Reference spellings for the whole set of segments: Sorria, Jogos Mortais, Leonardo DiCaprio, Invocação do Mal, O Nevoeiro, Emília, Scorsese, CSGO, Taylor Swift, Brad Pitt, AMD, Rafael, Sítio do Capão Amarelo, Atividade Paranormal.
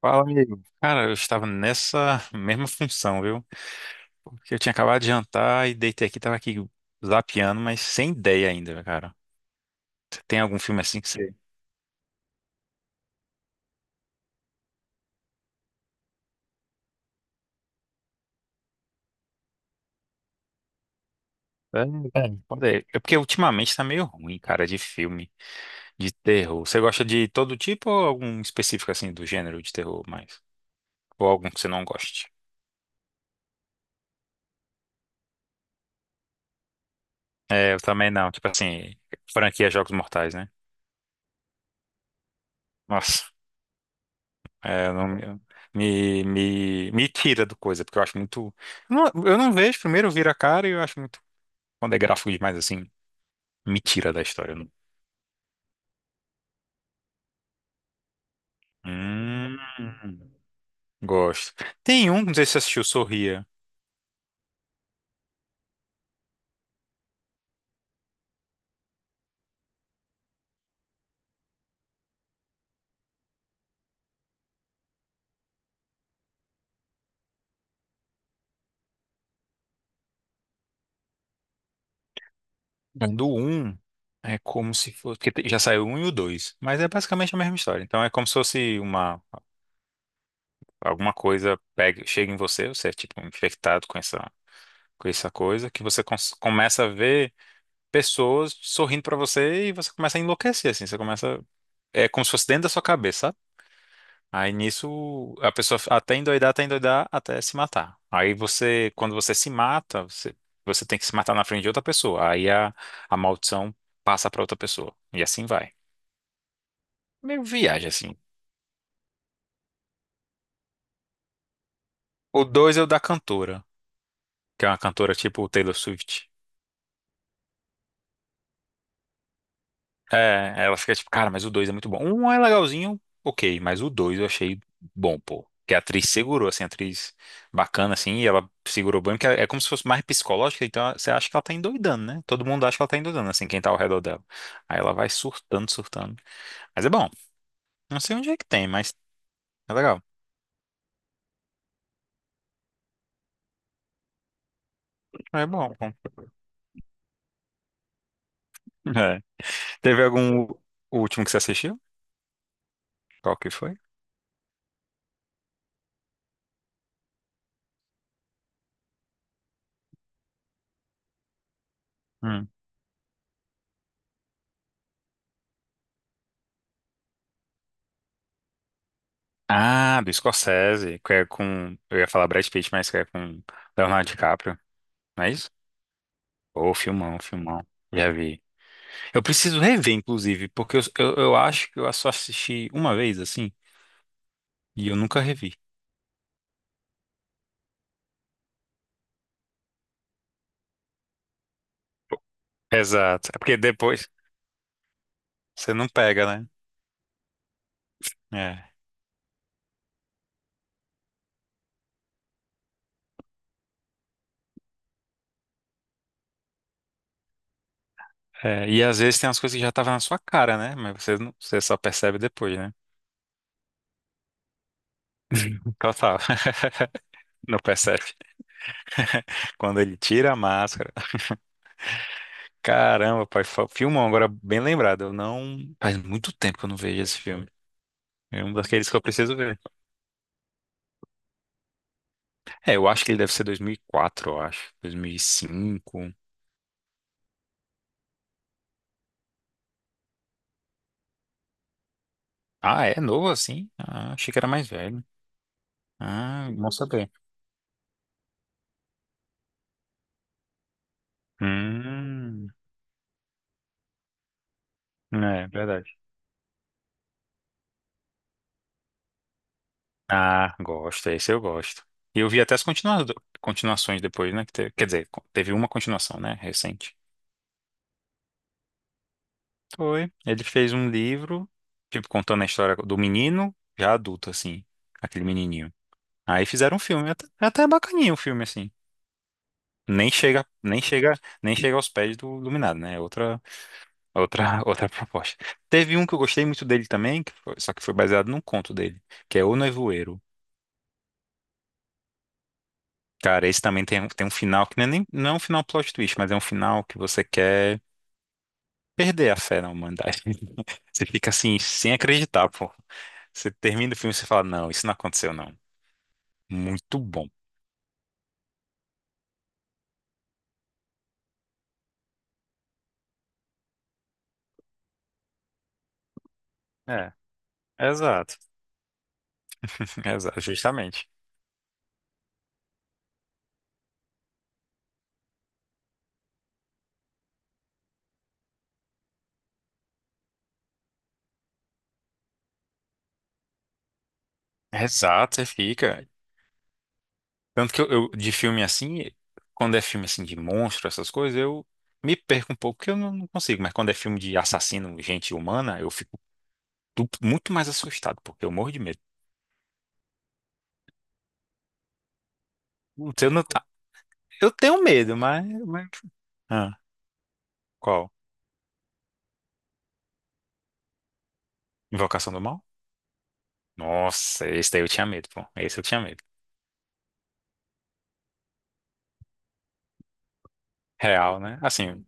Fala, amigo. Cara, eu estava nessa mesma função, viu? Porque eu tinha acabado de jantar e deitei aqui, tava aqui zapeando, mas sem ideia ainda, cara. Você tem algum filme assim que você. É, é, pode ser. É porque ultimamente tá meio ruim, cara, de filme, de terror. Você gosta de todo tipo ou algum específico, assim, do gênero de terror mais? Ou algum que você não goste? É, eu também não. Tipo assim, franquia Jogos Mortais, né? Nossa. É, eu não eu- Me tira do coisa, porque eu acho muito. Eu não, eu não vejo, primeiro eu viro a cara e eu acho muito. Quando é gráfico demais assim, me tira da história. Eu não- Hum, gosto. Tem um, não sei se você assistiu, Sorria. É do um é como se fosse. Porque te- já saiu o um e o dois, mas é basicamente a mesma história. Então é como se fosse uma. Alguma coisa pega, chega em você, você é tipo infectado com essa coisa, que você cons- começa a ver. Pessoas sorrindo pra você e você começa a enlouquecer, assim, você começa, é como se fosse dentro da sua cabeça, sabe? Aí nisso a pessoa até endoidar, até endoidar, até se matar. Quando você se mata, você, você tem que se matar na frente de outra pessoa. A maldição passa pra outra pessoa. E assim vai. Meio viagem, assim. O dois é o da cantora, que é uma cantora tipo Taylor Swift. É, ela fica tipo, cara, mas o dois é muito bom. Um é legalzinho, ok, mas o dois eu achei bom, pô. Que a atriz segurou, assim, a atriz bacana, assim, e ela segurou bem, porque é como se fosse mais psicológica, então você acha que ela tá endoidando, né? Todo mundo acha que ela tá endoidando, assim, quem tá ao redor dela. Aí ela vai surtando, surtando. Mas é bom. Não sei onde é que tem, mas é legal. É bom, bom. É. Teve algum último que você assistiu? Qual que foi? Hum. Ah, do Scorsese, que é com. Eu ia falar Brad Pitt, mas que é com Leonardo DiCaprio. Não né? Ô, filmão, filmão. Já vi. Eu preciso rever, inclusive, porque eu acho que eu só assisti uma vez, assim, e eu nunca revi. Exato. É porque depois você não pega, né? É. É, e às vezes tem umas coisas que já estavam na sua cara, né? Mas você, não, você só percebe depois, né? Total. Não percebe. Quando ele tira a máscara. Caramba, pai, fa- filmão, agora bem lembrado. Eu não. Faz muito tempo que eu não vejo esse filme. É um daqueles que eu preciso ver. É, eu acho que ele deve ser 2004, eu acho. 2005. Ah, é novo assim? Ah, achei que era mais velho. Ah, bom saber. Hum, é verdade. Ah, gosto, esse eu gosto. E eu vi até as continua- continuações depois, né? Que te- quer dizer, co- teve uma continuação, né? Recente. Foi. Ele fez um livro, tipo, contando a história do menino, já adulto, assim, aquele menininho. Aí fizeram um filme, até, até bacaninha o filme, assim. Nem chega, nem chega, nem chega aos pés do Iluminado, né? É outra. Outra, outra proposta. Teve um que eu gostei muito dele também, que foi- só que foi baseado num conto dele, que é O Nevoeiro. Cara, esse também tem um final que não é, nem, não é um final plot twist, mas é um final que você quer perder a fé na humanidade. Você fica assim, sem acreditar, pô. Você termina o filme e você fala, não, isso não aconteceu, não. Muito bom. É, exato. Exato, justamente. Exato, você fica. Tanto que eu- de filme assim, quando é filme assim de monstro, essas coisas, eu me perco um pouco, porque eu não, não consigo. Mas quando é filme de assassino, gente humana, eu fico du- muito mais assustado, porque eu morro de medo. Putz, Eu, não, tá- eu tenho medo, mas... Ah, qual? Invocação do Mal? Nossa, esse daí eu tinha medo, pô. Esse eu tinha medo. Real, né? Assim,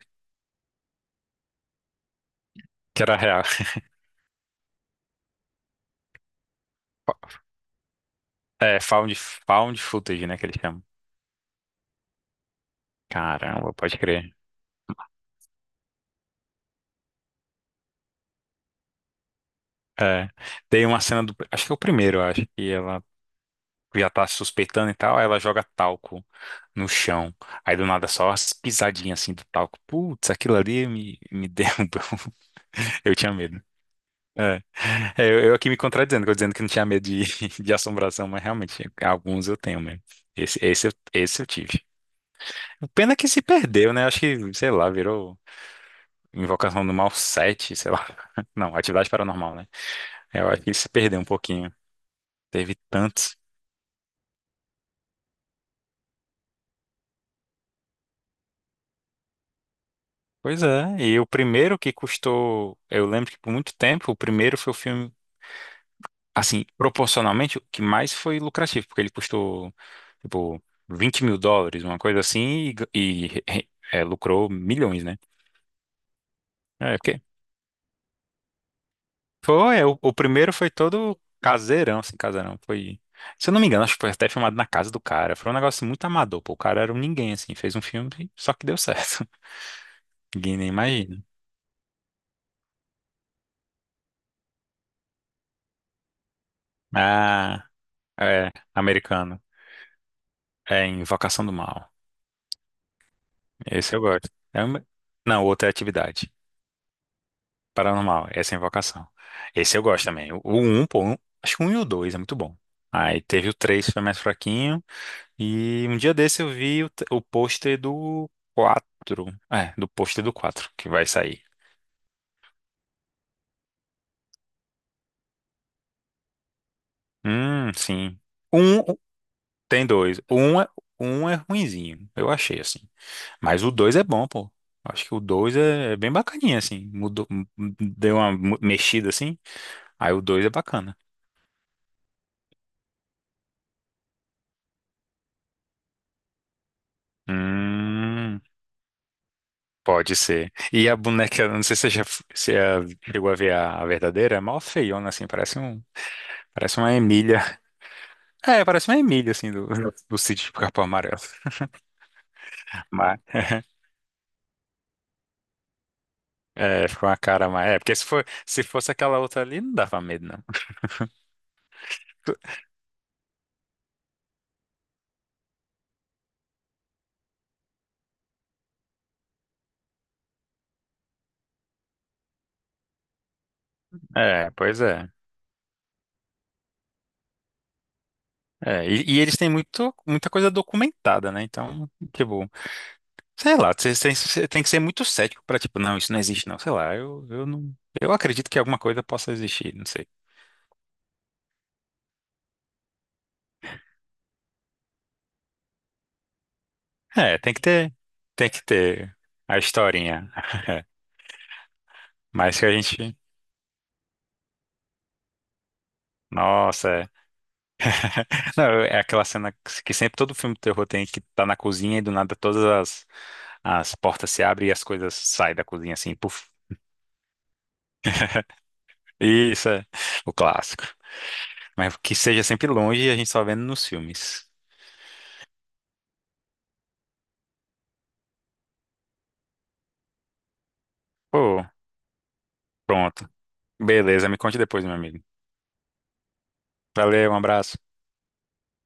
que era real. É, found, found footage, né, que eles chamam. Caramba, pode crer. É, tem uma cena do. Acho que é o primeiro, acho. Que ela já tá suspeitando e tal, aí ela joga talco no chão. Aí do nada só as pisadinhas assim do talco. Putz, aquilo ali me derrubou. Eu tinha medo. É. É, eu aqui me contradizendo, que eu dizendo que não tinha medo de, de assombração, mas realmente, alguns eu tenho mesmo. Esse eu tive. O pena é que se perdeu, né? Acho que, sei lá, virou Invocação do Mal 7 sei lá. Não, Atividade Paranormal, né? Eu acho que ele se perdeu um pouquinho. Teve tantos. Pois é, e o primeiro que custou, eu lembro que por muito tempo, o primeiro foi o filme, assim, proporcionalmente, o que mais foi lucrativo, porque ele custou, tipo, US$ 20.000, uma coisa assim, e lucrou milhões, né? É, porque foi, é, o primeiro foi todo caseirão, assim, caseirão, foi, se eu não me engano, acho que foi até filmado na casa do cara, foi um negócio muito amador, pô, o cara era um ninguém, assim, fez um filme, só que deu certo, ninguém nem imagina. Ah, é, americano, é Invocação do Mal. Esse eu gosto. É uma- não, outra é atividade. Paranormal, essa é a invocação. Esse eu gosto também. O um, pô, um- acho que o um e o dois é muito bom. Aí teve o três foi mais fraquinho. E um dia desse eu vi o, t- o pôster do quatro. É, do pôster do quatro que vai sair. Sim. Um, o- tem dois. Um é ruinzinho, eu achei, assim. Mas o dois é bom, pô. Acho que o dois é bem bacaninha, assim. Mudou, m- m- deu uma mu- mexida, assim. Aí o dois é bacana. Hum, pode ser. E a boneca, não sei se você já se a- chegou a ver a verdadeira, é mó feiona, assim, parece um, parece uma Emília. É, parece uma Emília, assim, do, do sítio do Capão Amarelo. Mas, é, ficou uma cara mais. É, porque se for, se fosse aquela outra ali, não dava medo, não. É, pois é. É, e eles têm muito, muita coisa documentada, né? Então, tipo, sei lá, você tem que ser muito cético pra, tipo, não, isso não existe, não. Sei lá, eu não. Eu acredito que alguma coisa possa existir, não sei. É, tem que ter a historinha. Mas que a gente. Nossa, é. Não, é aquela cena que sempre todo filme de terror tem que tá na cozinha e do nada todas as portas se abrem e as coisas saem da cozinha assim, puf. Isso é o clássico. Mas que seja sempre longe e a gente só vendo nos filmes. Pô, pronto. Beleza, me conte depois, meu amigo. Valeu, um abraço.